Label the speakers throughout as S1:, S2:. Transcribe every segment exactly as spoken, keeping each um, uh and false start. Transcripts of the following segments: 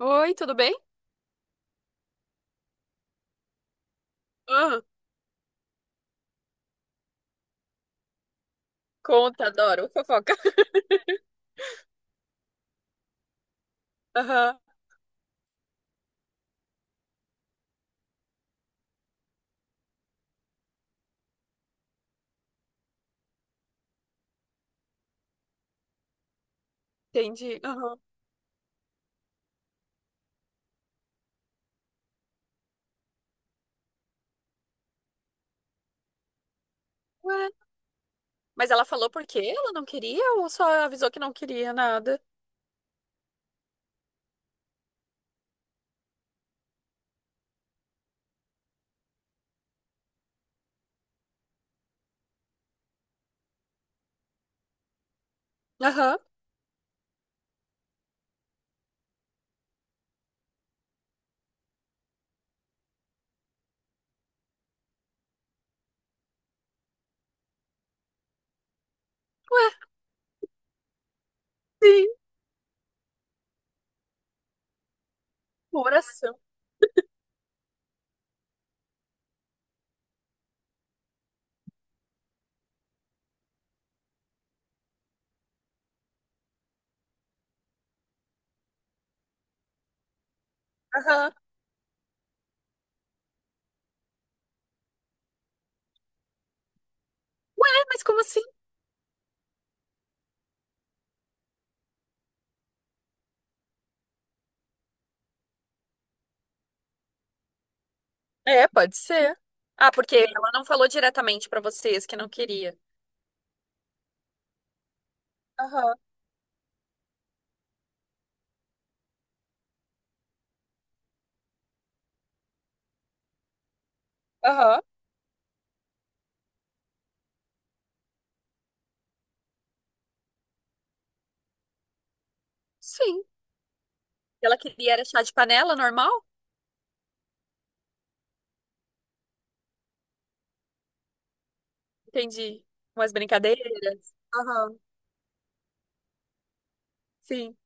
S1: Oi, tudo bem? Ah, conta, adoro fofoca. Aham, entendi. Aham. Ué, mas ela falou por quê? Ela não queria ou só avisou que não queria nada? Aham. Ué, sim, uma oração. Aham. Ué, mas como assim? É, pode ser. Ah, porque ela não falou diretamente pra vocês que não queria. Aham, aham. Sim. Ela queria era chá de panela normal? Entendi. Umas brincadeiras. Aham, sim.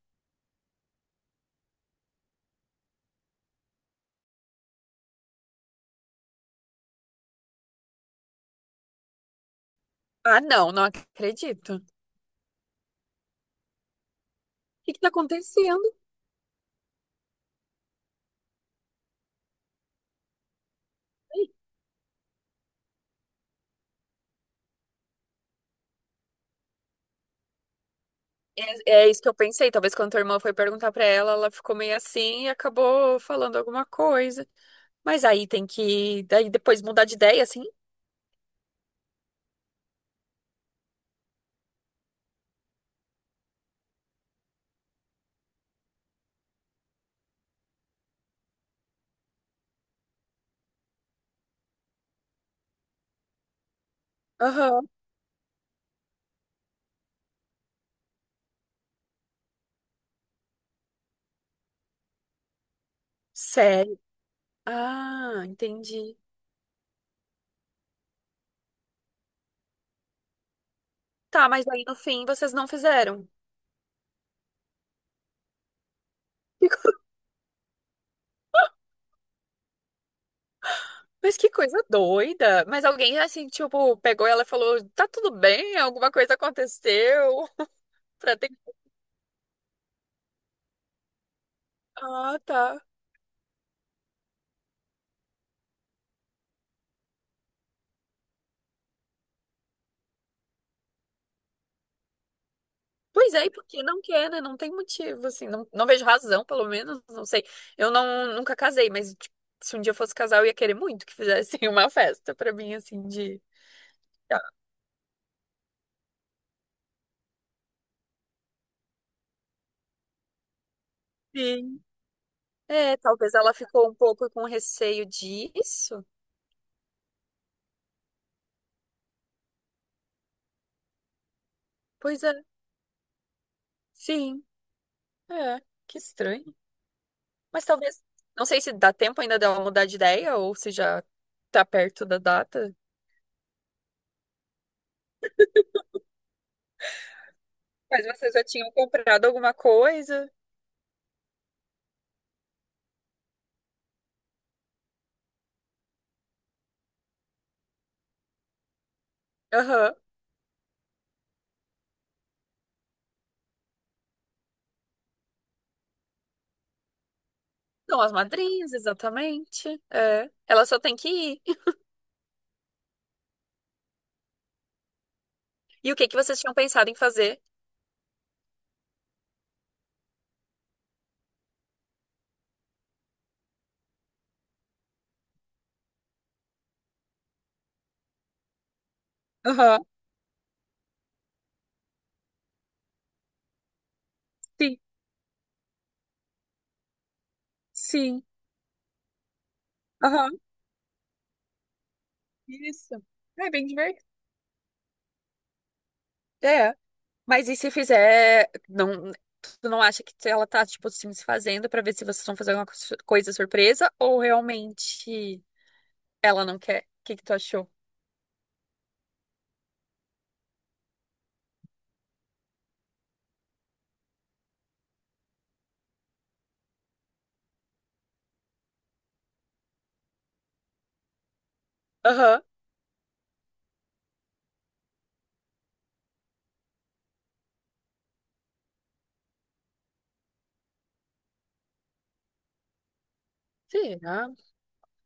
S1: Ah, não, não acredito. O que que tá acontecendo? É, é isso que eu pensei. Talvez quando tua irmã foi perguntar pra ela, ela ficou meio assim e acabou falando alguma coisa. Mas aí tem que, daí depois mudar de ideia, assim. Aham. Sério? Ah, entendi. Tá, mas aí no fim vocês não fizeram. Que co- Mas que coisa doida. Mas alguém assim, tipo, pegou ela e falou: tá tudo bem, alguma coisa aconteceu. Pra ter Ah, tá. Pois é, e por que não quer, né? Não tem motivo, assim. Não, não vejo razão, pelo menos. Não sei. Eu não, nunca casei, mas tipo, se um dia eu fosse casar, eu ia querer muito que fizessem uma festa pra mim, assim, de. Ah, sim. É, talvez ela ficou um pouco com receio disso. Pois é, sim. É, que estranho. Mas talvez. Não sei se dá tempo ainda dela mudar de ideia ou se já tá perto da data. Mas vocês já tinham comprado alguma coisa? Aham. São as madrinhas, exatamente. É. Ela só tem que ir. E o que que vocês tinham pensado em fazer? Aham, sim, sim, aham, isso. É bem divertido. É, mas e se fizer, não, tu não acha que ela tá, tipo assim, se fazendo pra ver se vocês vão fazer alguma co- coisa surpresa ou realmente ela não quer? O que que tu achou? Aham. Será?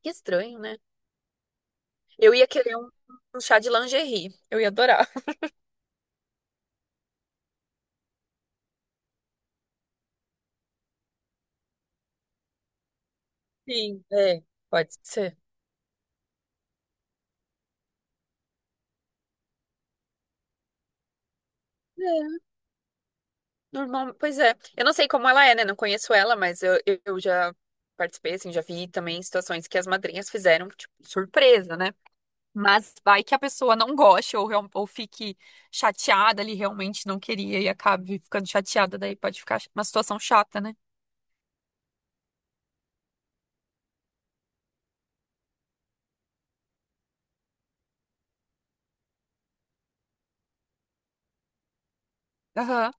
S1: Que estranho, né? Eu ia querer um, um chá de lingerie. Eu ia adorar. Sim, é, pode ser. Normal, pois é. Eu não sei como ela é, né? Não conheço ela, mas eu, eu eu já participei, assim, já vi também situações que as madrinhas fizeram, tipo, surpresa, né? Mas vai que a pessoa não goste ou, real- ou fique chateada ali, realmente não queria e acabe ficando chateada, daí pode ficar uma situação chata, né? Aham.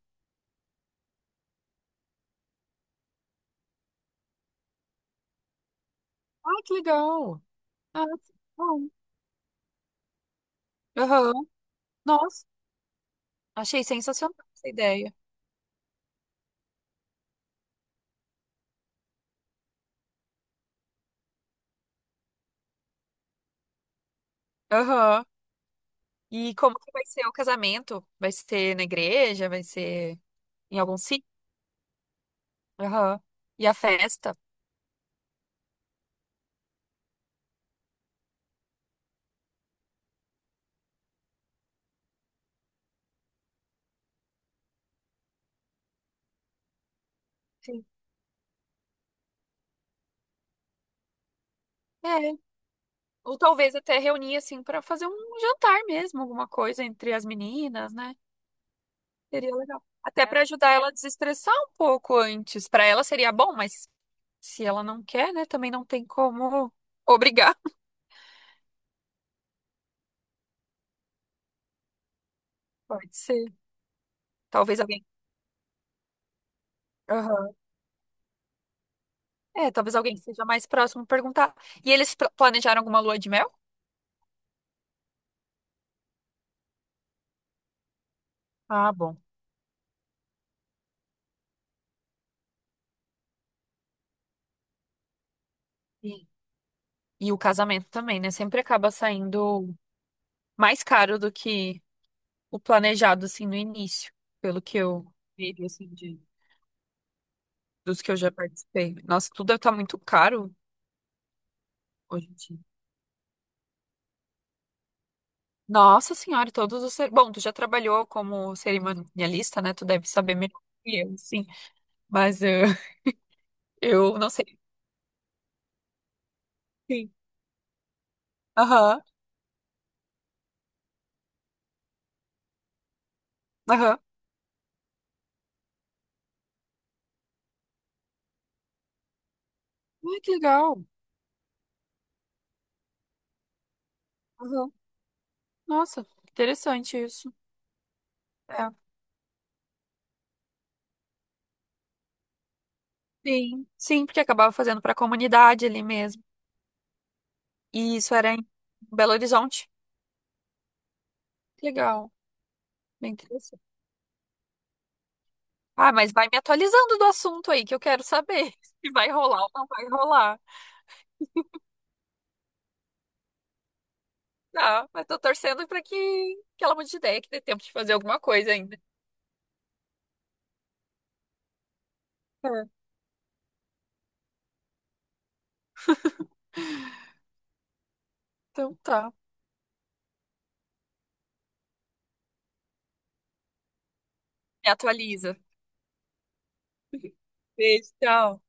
S1: Ai, que legal. Ah, que bom. Aham. Nossa, achei sensacional essa ideia. Aham. E como que vai ser o casamento? Vai ser na igreja? Vai ser em algum sítio? Aham. E a festa? Sim. É. Ou talvez até reunir, assim, pra fazer um jantar mesmo, alguma coisa entre as meninas, né? Seria legal. Até pra ajudar ela a desestressar um pouco antes. Pra ela seria bom, mas se ela não quer, né? Também não tem como obrigar. Pode ser. Talvez alguém. Aham. É, talvez alguém que seja mais próximo perguntar. E eles pl- planejaram alguma lua de mel? Ah, bom. E, e o casamento também, né? Sempre acaba saindo mais caro do que o planejado, assim, no início, pelo que eu vi assim, de, dos que eu já participei. Nossa, tudo tá muito caro hoje em dia. Nossa senhora, todos os... cer- Bom, tu já trabalhou como cerimonialista, né? Tu deve saber melhor que eu, sim. Mas eh, eu não sei. Sim. Aham, aham. Ai, que legal. Aham. Nossa, interessante isso. É. Sim, sim, porque acabava fazendo para a comunidade ali mesmo. E isso era em Belo Horizonte. Que legal, bem interessante. Ah, mas vai me atualizando do assunto aí, que eu quero saber se vai rolar ou não vai rolar. Tá, mas tô torcendo pra que, que ela mude de ideia, que dê tempo de fazer alguma coisa ainda. É, então tá. Me atualiza. Beijo, tchau.